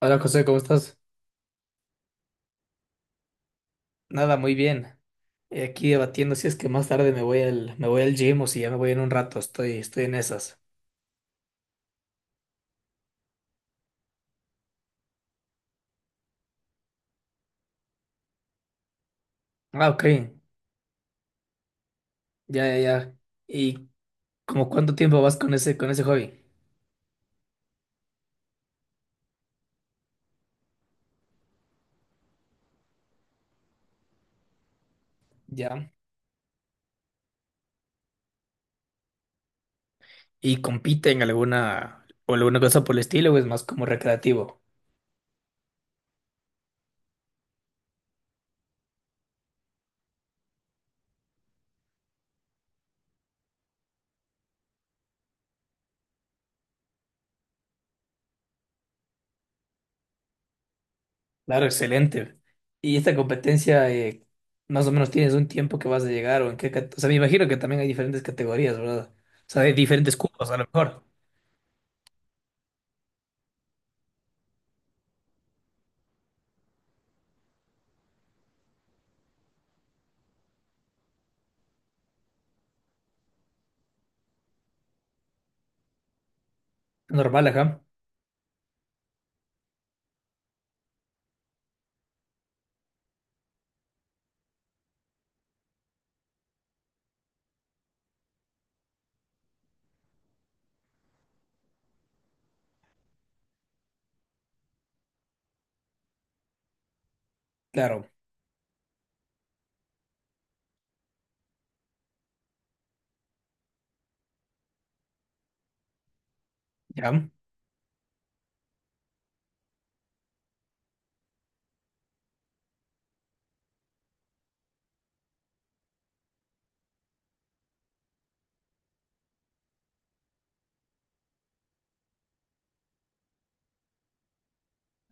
Hola José, ¿cómo estás? Nada, muy bien. Aquí debatiendo si es que más tarde me voy al gym o si ya me voy en un rato. Estoy en esas. Ah, ok. Ya, ya, ya. ¿Y como cuánto tiempo vas con con ese hobby? Ya. ¿Y compite en alguna, o alguna cosa por el estilo o es más como recreativo? Claro, excelente. ¿Y esta competencia, más o menos tienes un tiempo que vas a llegar o en qué, o sea, me imagino que también hay diferentes categorías, ¿verdad? O sea, hay diferentes cupos a lo mejor. Normal, ajá. Claro, ya.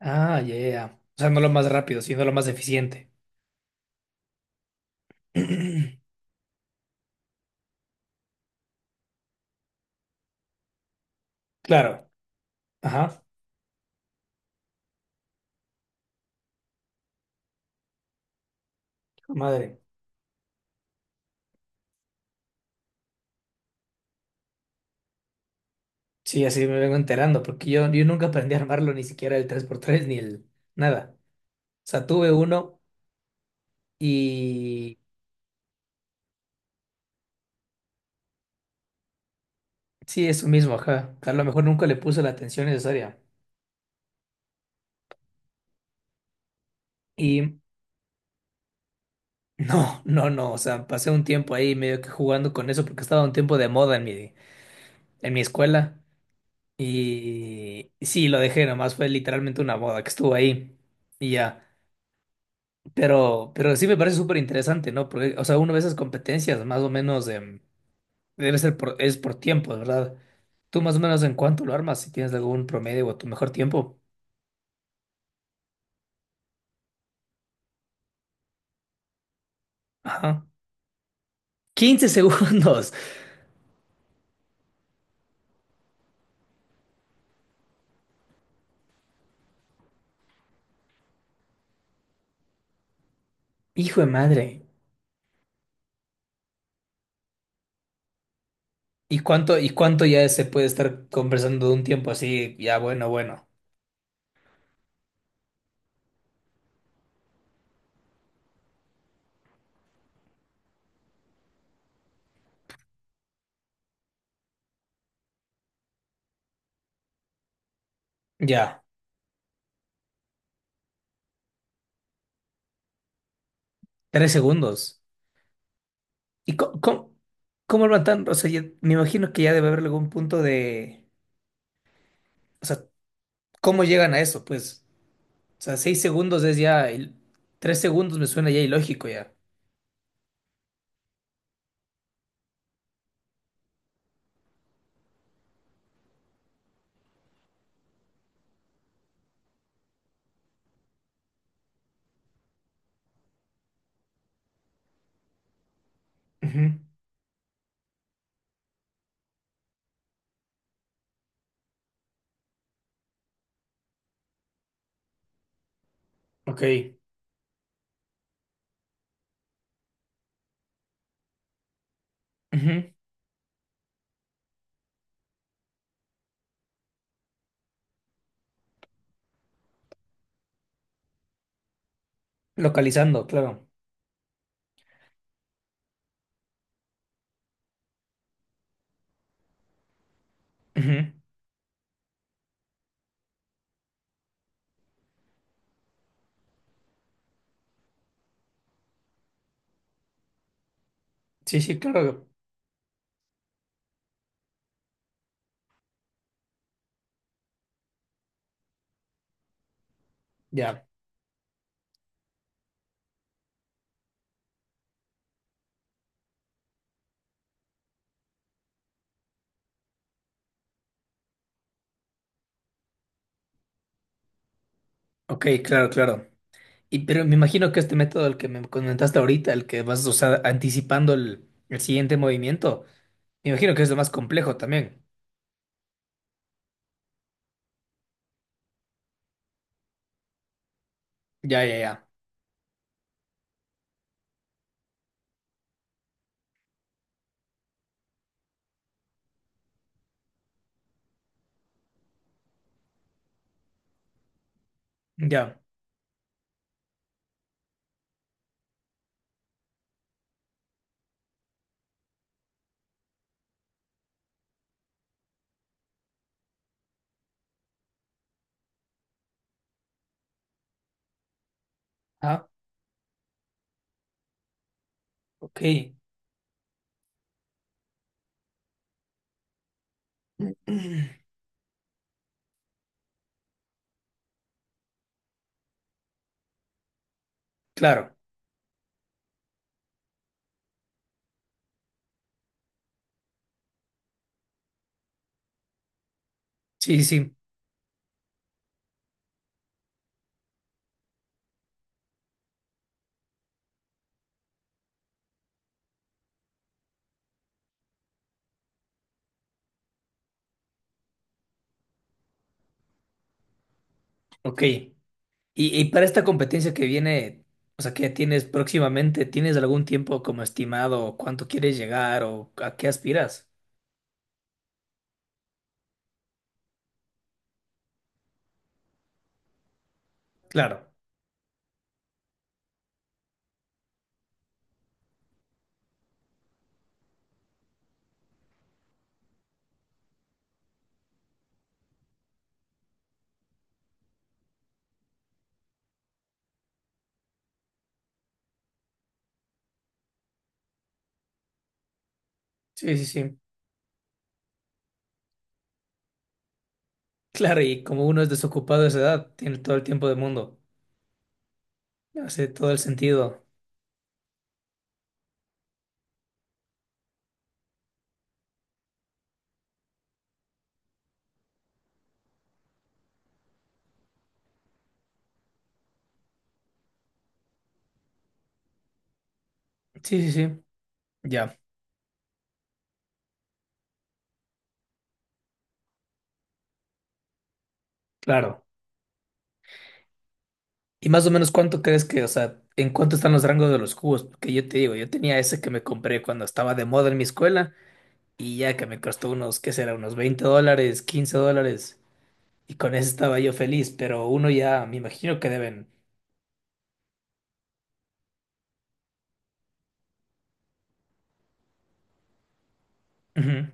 Ah, yeah. O sea, no lo más rápido, sino lo más eficiente. Claro. Ajá. Madre. Sí, así me vengo enterando, porque yo nunca aprendí a armarlo, ni siquiera el tres por tres ni el nada. O sea, tuve uno y sí, eso mismo, ajá. A lo mejor nunca le puse la atención necesaria. Y no, no, no. O sea, pasé un tiempo ahí medio que jugando con eso, porque estaba un tiempo de moda en mi escuela. Y sí, lo dejé, nomás fue literalmente una moda que estuvo ahí. Y ya. Pero sí me parece súper interesante, ¿no? Porque, o sea, uno ve esas competencias más o menos debe ser por, es por tiempo, ¿verdad? Tú más o menos en cuánto lo armas, si tienes algún promedio o tu mejor tiempo. Ajá. 15 segundos segundos. Hijo de madre. Y cuánto ya se puede estar conversando de un tiempo así? Ya, bueno, bueno. Ya. 3 segundos. ¿Y cómo, cómo, lo matan? O sea, ya me imagino que ya debe haber algún punto de. O sea, ¿cómo llegan a eso? Pues. O sea, 6 segundos es ya. 3 segundos me suena ya ilógico ya. Ujú. Ok. Ujú. Localizando, claro. Ujú. Sí, sí, claro. Ya. Ok, claro, claro. Y pero me imagino que este método, el que me comentaste ahorita, el que vas a usar anticipando el siguiente movimiento, me imagino que es lo más complejo también. Ya, ya, ya. Ya. Ah, ok. Claro. Sí, sí. Ok. Y para esta competencia que viene, o sea, que tienes próximamente, ¿tienes algún tiempo como estimado cuánto quieres llegar o a qué aspiras? Claro, sí, sí, sí. Claro, y como uno es desocupado a esa edad, tiene todo el tiempo del mundo. Hace todo el sentido. Sí, sí, sí. Ya, claro. ¿Y más o menos cuánto crees que, o sea, en cuánto están los rangos de los cubos? Porque yo te digo, yo tenía ese que me compré cuando estaba de moda en mi escuela y ya que me costó unos, ¿qué será? Unos $20, $15. Y con eso estaba yo feliz, pero uno ya, me imagino que deben. Ujú.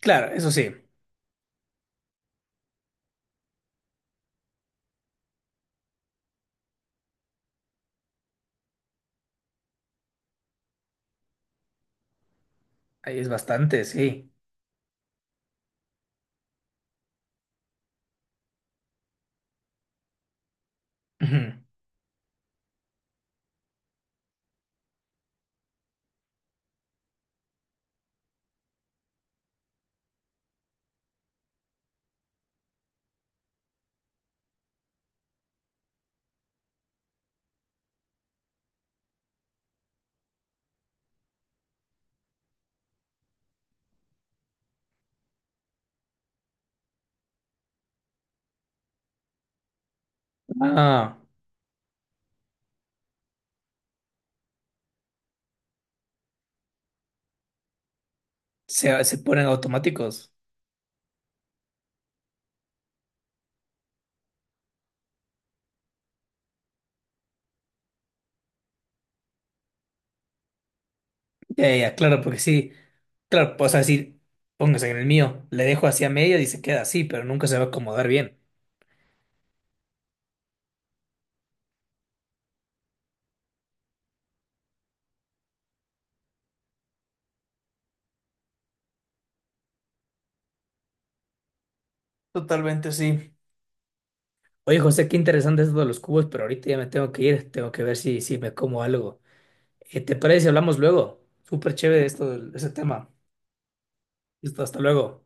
Claro, eso sí, ahí es bastante, sí. Ujú. Ah, se ponen automáticos. Ya, ya, ya, claro, porque sí. Claro, pues decir, póngase en el mío, le dejo así a media y se queda así, pero nunca se va a acomodar bien. Totalmente sí. Oye, José, qué interesante esto de los cubos, pero ahorita ya me tengo que ir, tengo que ver si, si me como algo. ¿Te parece si hablamos luego? Súper chévere esto, ese tema. Listo, hasta luego.